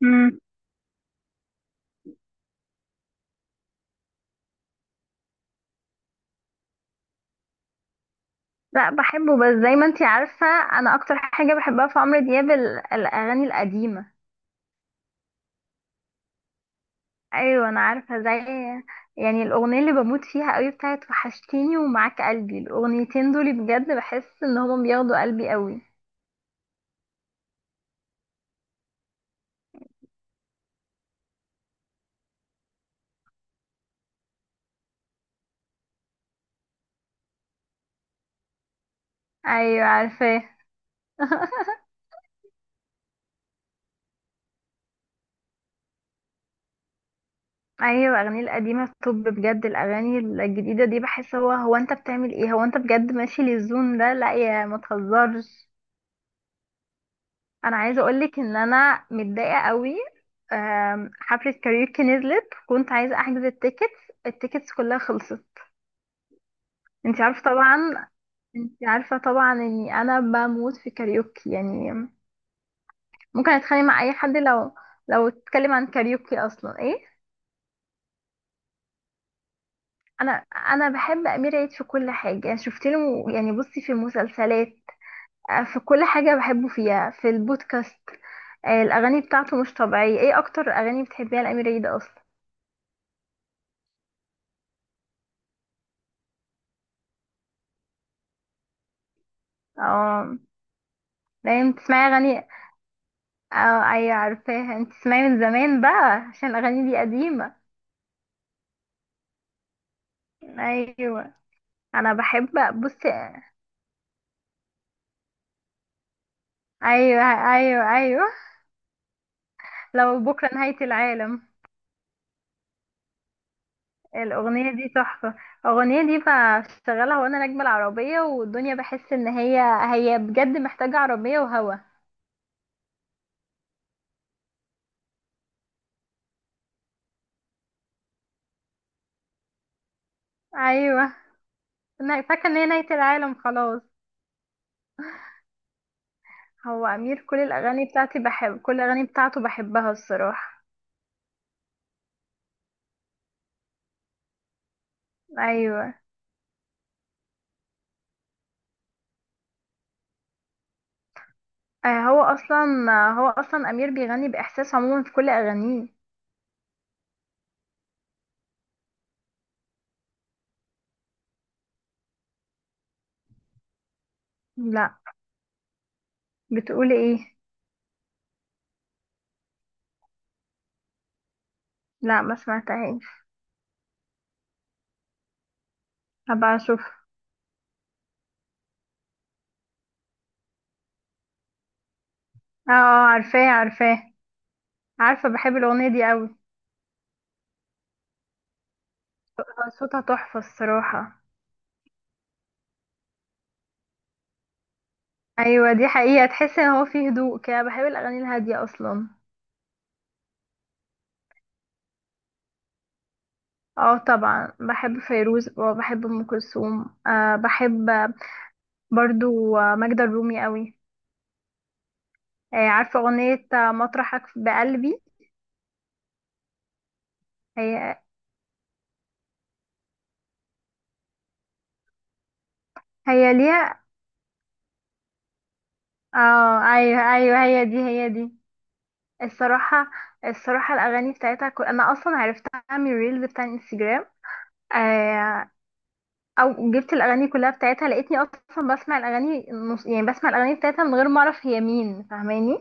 مم. لا بحبه، بس زي ما انتي عارفة، انا اكتر حاجة بحبها في عمرو دياب الاغاني القديمة. ايوه انا عارفة. زي يعني الاغنية اللي بموت فيها قوي بتاعت وحشتيني ومعاك قلبي، الاغنيتين دول بجد بحس ان هما بياخدوا قلبي قوي. ايوه عارفاه. ايوه، الاغاني القديمة. طب بجد الاغاني الجديدة دي بحس هو انت بتعمل ايه؟ هو انت بجد ماشي للزون ده؟ لا يا، ما تهزرش. انا عايزه اقولك ان انا متضايقه قوي. حفله كاريوكي نزلت، كنت عايزه احجز التيكتس، التيكتس كلها خلصت. انت عارفه طبعا انت عارفه طبعا اني انا بموت في كاريوكي يعني، ممكن اتخانق مع اي حد لو اتكلم عن كاريوكي اصلا. ايه، انا بحب امير عيد في كل حاجه يعني. شفت له يعني، بصي، في المسلسلات، في كل حاجه بحبه فيها، في البودكاست. الاغاني بتاعته مش طبيعيه. ايه اكتر اغاني بتحبيها لامير عيد اصلا؟ اه. دايما بتسمعي اغاني. اه ايوه عارفاها، انت تسمعي من زمان بقى عشان الاغاني دي قديمة. ايوه، انا بحب. بصي، ايوه ايوه ايوه، لو بكره نهاية العالم. الاغنية دي تحفة. الاغنية دي بشغلها وانا راكبة العربية والدنيا، بحس ان هي بجد محتاجة عربية وهوا. ايوه، انا فاكرة ان هي نهاية العالم خلاص. هو امير كل الاغاني بتاعتي، بحب كل الاغاني بتاعته بحبها الصراحة. ايوه. آه، هو اصلا هو اصلا امير بيغني باحساس عموما في كل اغانيه. لا. بتقولي ايه؟ لا، ما سمعتهاش. هبقى اشوف. اه. عارفاه عارفاه. عارفه، بحب الاغنيه دي قوي. صوتها تحفه الصراحه. ايوه دي حقيقه، تحس ان هو فيه هدوء كده. بحب الاغاني الهاديه اصلا. اه طبعا بحب فيروز وبحب ام كلثوم. بحب برضو ماجدة الرومي قوي. عارفه اغنيه مطرحك بقلبي. هي هي ليها. اه ايوه ايوه، هي دي هي دي. الصراحه الصراحه الاغاني بتاعتها كل، انا اصلا عرفتها من الريلز بتاع الانستجرام. آه... او جبت الاغاني كلها بتاعتها، لقيتني اصلا بسمع الاغاني يعني بسمع الاغاني بتاعتها من غير ما اعرف هي مين، فاهماني.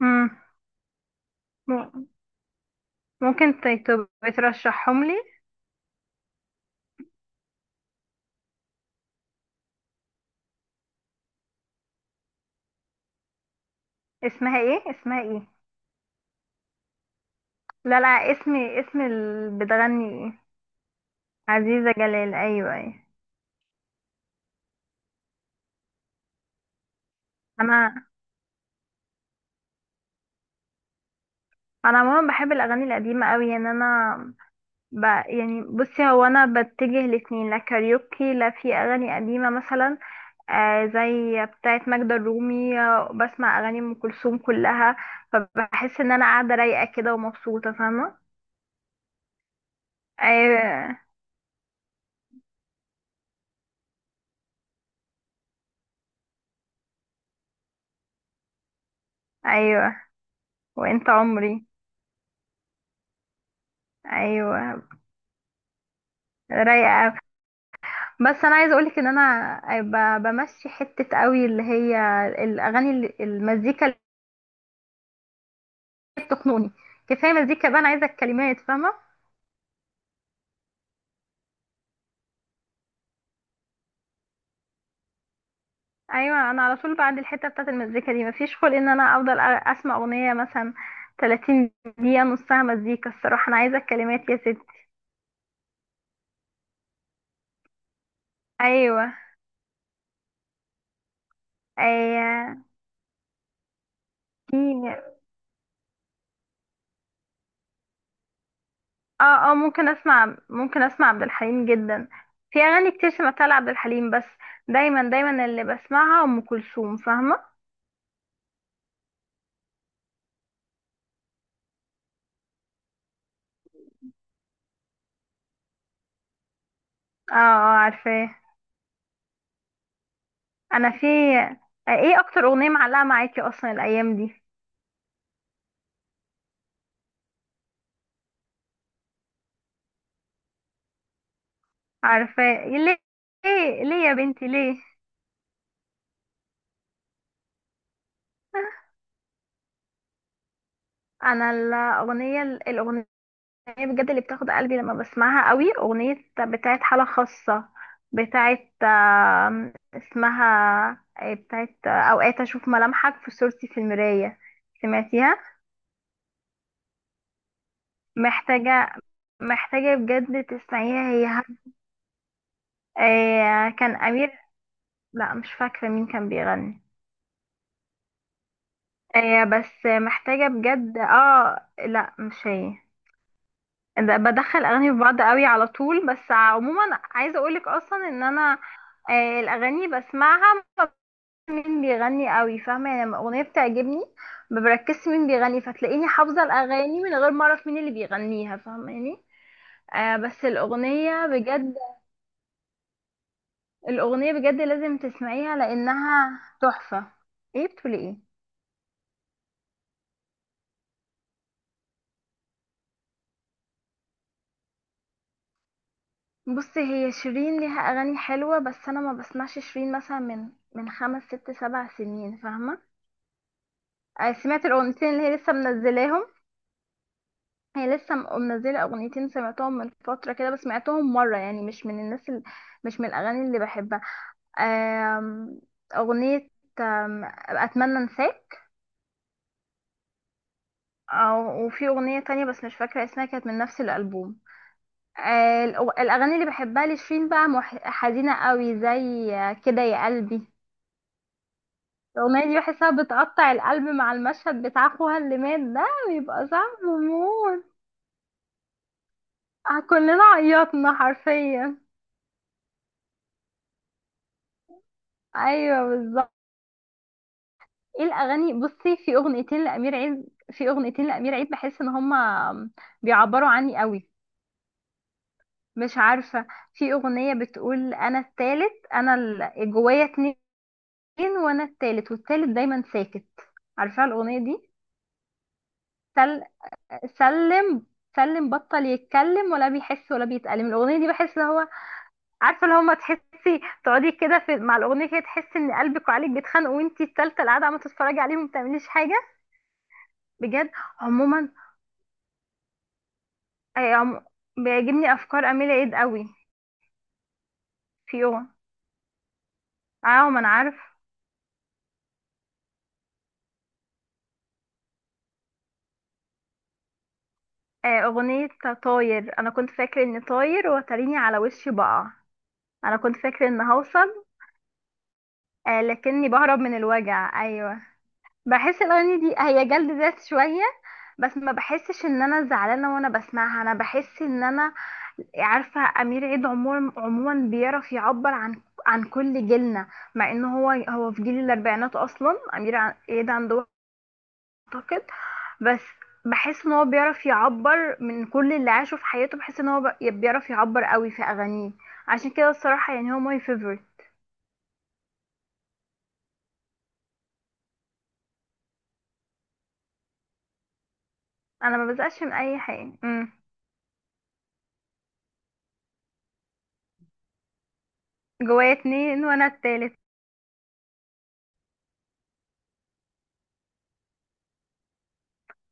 امم. م- ممكن تبقى ترشحهم لي. اسمها ايه؟ اسمها ايه؟ لا لا، اسم اللي بتغني ايه؟ عزيزه جلال. ايوه ايوه. انا انا عموما بحب الاغاني القديمه قوي يعني. انا، يعني بصي، هو انا بتجه الاتنين، لا كاريوكي لا. في اغاني قديمه مثلا، زي بتاعه ماجدة الرومي، بسمع اغاني ام كلثوم كلها، فبحس ان انا قاعده رايقه كده ومبسوطه، فاهمه. ايوه. ايوه وانت عمري. ايوه، رايقه أوي. بس انا عايزه اقولك ان انا بمشي حته قوي، اللي هي الاغاني المزيكا اللي بتخنقني. كفايه مزيكا بقى، انا عايزه الكلمات، فاهمه. ايوه. انا على طول بعد الحته بتاعت المزيكا دي مفيش خلق ان انا افضل اسمع اغنيه مثلا 30 دقيقه نصها مزيكا. الصراحه انا عايزه الكلمات يا ستي. ايوه ايوه. في، اه اه، ممكن اسمع عبد الحليم جدا. في اغاني كتير سمعتها لعبد الحليم، بس دايما دايما اللي بسمعها ام كلثوم، فاهمه. اه اه عارفاه. انا في. ايه اكتر اغنيه معلقه معاكي اصلا الايام دي؟ عارفاه. ليه ليه ليه يا بنتي ليه؟ انا الاغنيه بجد اللي بتاخد قلبي لما بسمعها قوي، اغنيه بتاعت حاله خاصه، بتاعت اسمها إيه، بتاعت اوقات اشوف ملامحك في صورتي في المرايه. سمعتيها؟ محتاجه، محتاجه بجد تسمعيها، هي كان امير. لا مش فاكره مين كان بيغني. بس محتاجه بجد. اه لا مش هي. بدخل اغاني في بعض قوي على طول. بس عموما عايزه اقولك اصلا ان انا، الاغاني بسمعها ما بعرفش مين بيغني قوي، فاهمه يعني، لما اغنيه بتعجبني ما بركزش مين بيغني، فتلاقيني حافظه الاغاني من غير ما اعرف مين اللي بيغنيها، فاهماني. بس الاغنيه بجد، الاغنيه بجد لازم تسمعيها لانها تحفه. ايه بتقولي ايه؟ بصي، هي شيرين ليها اغاني حلوه، بس انا ما بسمعش شيرين مثلا من خمس ست سبع سنين، فاهمه. سمعت الاغنيتين اللي هي لسه منزلاهم. هي لسه منزله اغنيتين، سمعتهم من فتره كده، بس سمعتهم مره يعني، مش من الناس اللي، مش من الاغاني اللي بحبها. آم، اغنيه اتمنى انساك. وفي اغنيه تانية بس مش فاكره اسمها، كانت من نفس الالبوم. الاغاني اللي بحبها لشيرين بقى حزينه قوي، زي كده يا قلبي. الاغنيه دي بحسها بتقطع القلب، مع المشهد بتاع اخوها اللي مات ده بيبقى صعب موت. كلنا عيطنا حرفيا. ايوه بالظبط. ايه الاغاني؟ بصي، في اغنيتين لامير عيد بحس ان هما بيعبروا عني قوي. مش عارفه. في اغنيه بتقول: انا التالت، انا جوايا اتنين وانا التالت، والتالت دايما ساكت. عارفه الاغنيه دي؟ سل... سلم سلم بطل يتكلم ولا بيحس ولا بيتألم. الاغنيه دي بحس ان هو، عارفه، اللي هما تحسي تقعدي كده في مع الاغنيه كده، تحسي ان قلبك وعقلك بيتخانقوا وانتي التالتة اللي قاعده عم تتفرجي عليهم ما بتعمليش حاجه. بجد عموما. آه عم... بيعجبني افكار اميله عيد قوي. في يوم، اه ما انا عارف، اغنيه طاير. انا كنت فاكره اني طاير وتريني على وشي بقع، انا كنت فاكره ان هوصل، لكني بهرب من الوجع. ايوه بحس الاغاني دي هي جلد ذات شويه، بس ما بحسش ان انا زعلانه وانا بسمعها. انا بحس ان انا، عارفه، امير عيد عموما بيعرف يعبر عن كل جيلنا، مع ان هو في جيل الاربعينات اصلا، امير عيد عنده، اعتقد. بس بحس ان هو بيعرف يعبر من كل اللي عاشه في حياته، بحس ان هو بيعرف يعبر قوي في اغانيه. عشان كده الصراحه، يعني هو ماي فيفورت. انا ما بزقش من اي حاجه. امم. جوايا اتنين وانا التالت.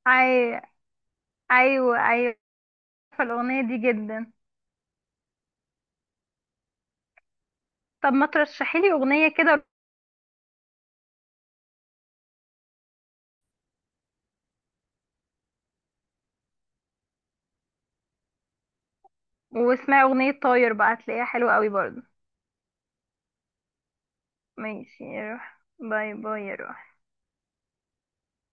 أي- ايوه ايوه عارفه الاغنيه دي جدا. طب ما ترشحي لي اغنيه كده. واسمعي اغنيه طاير بقى، هتلاقيها حلوه قوي برضه. ماشي يا روح، باي باي يا روح.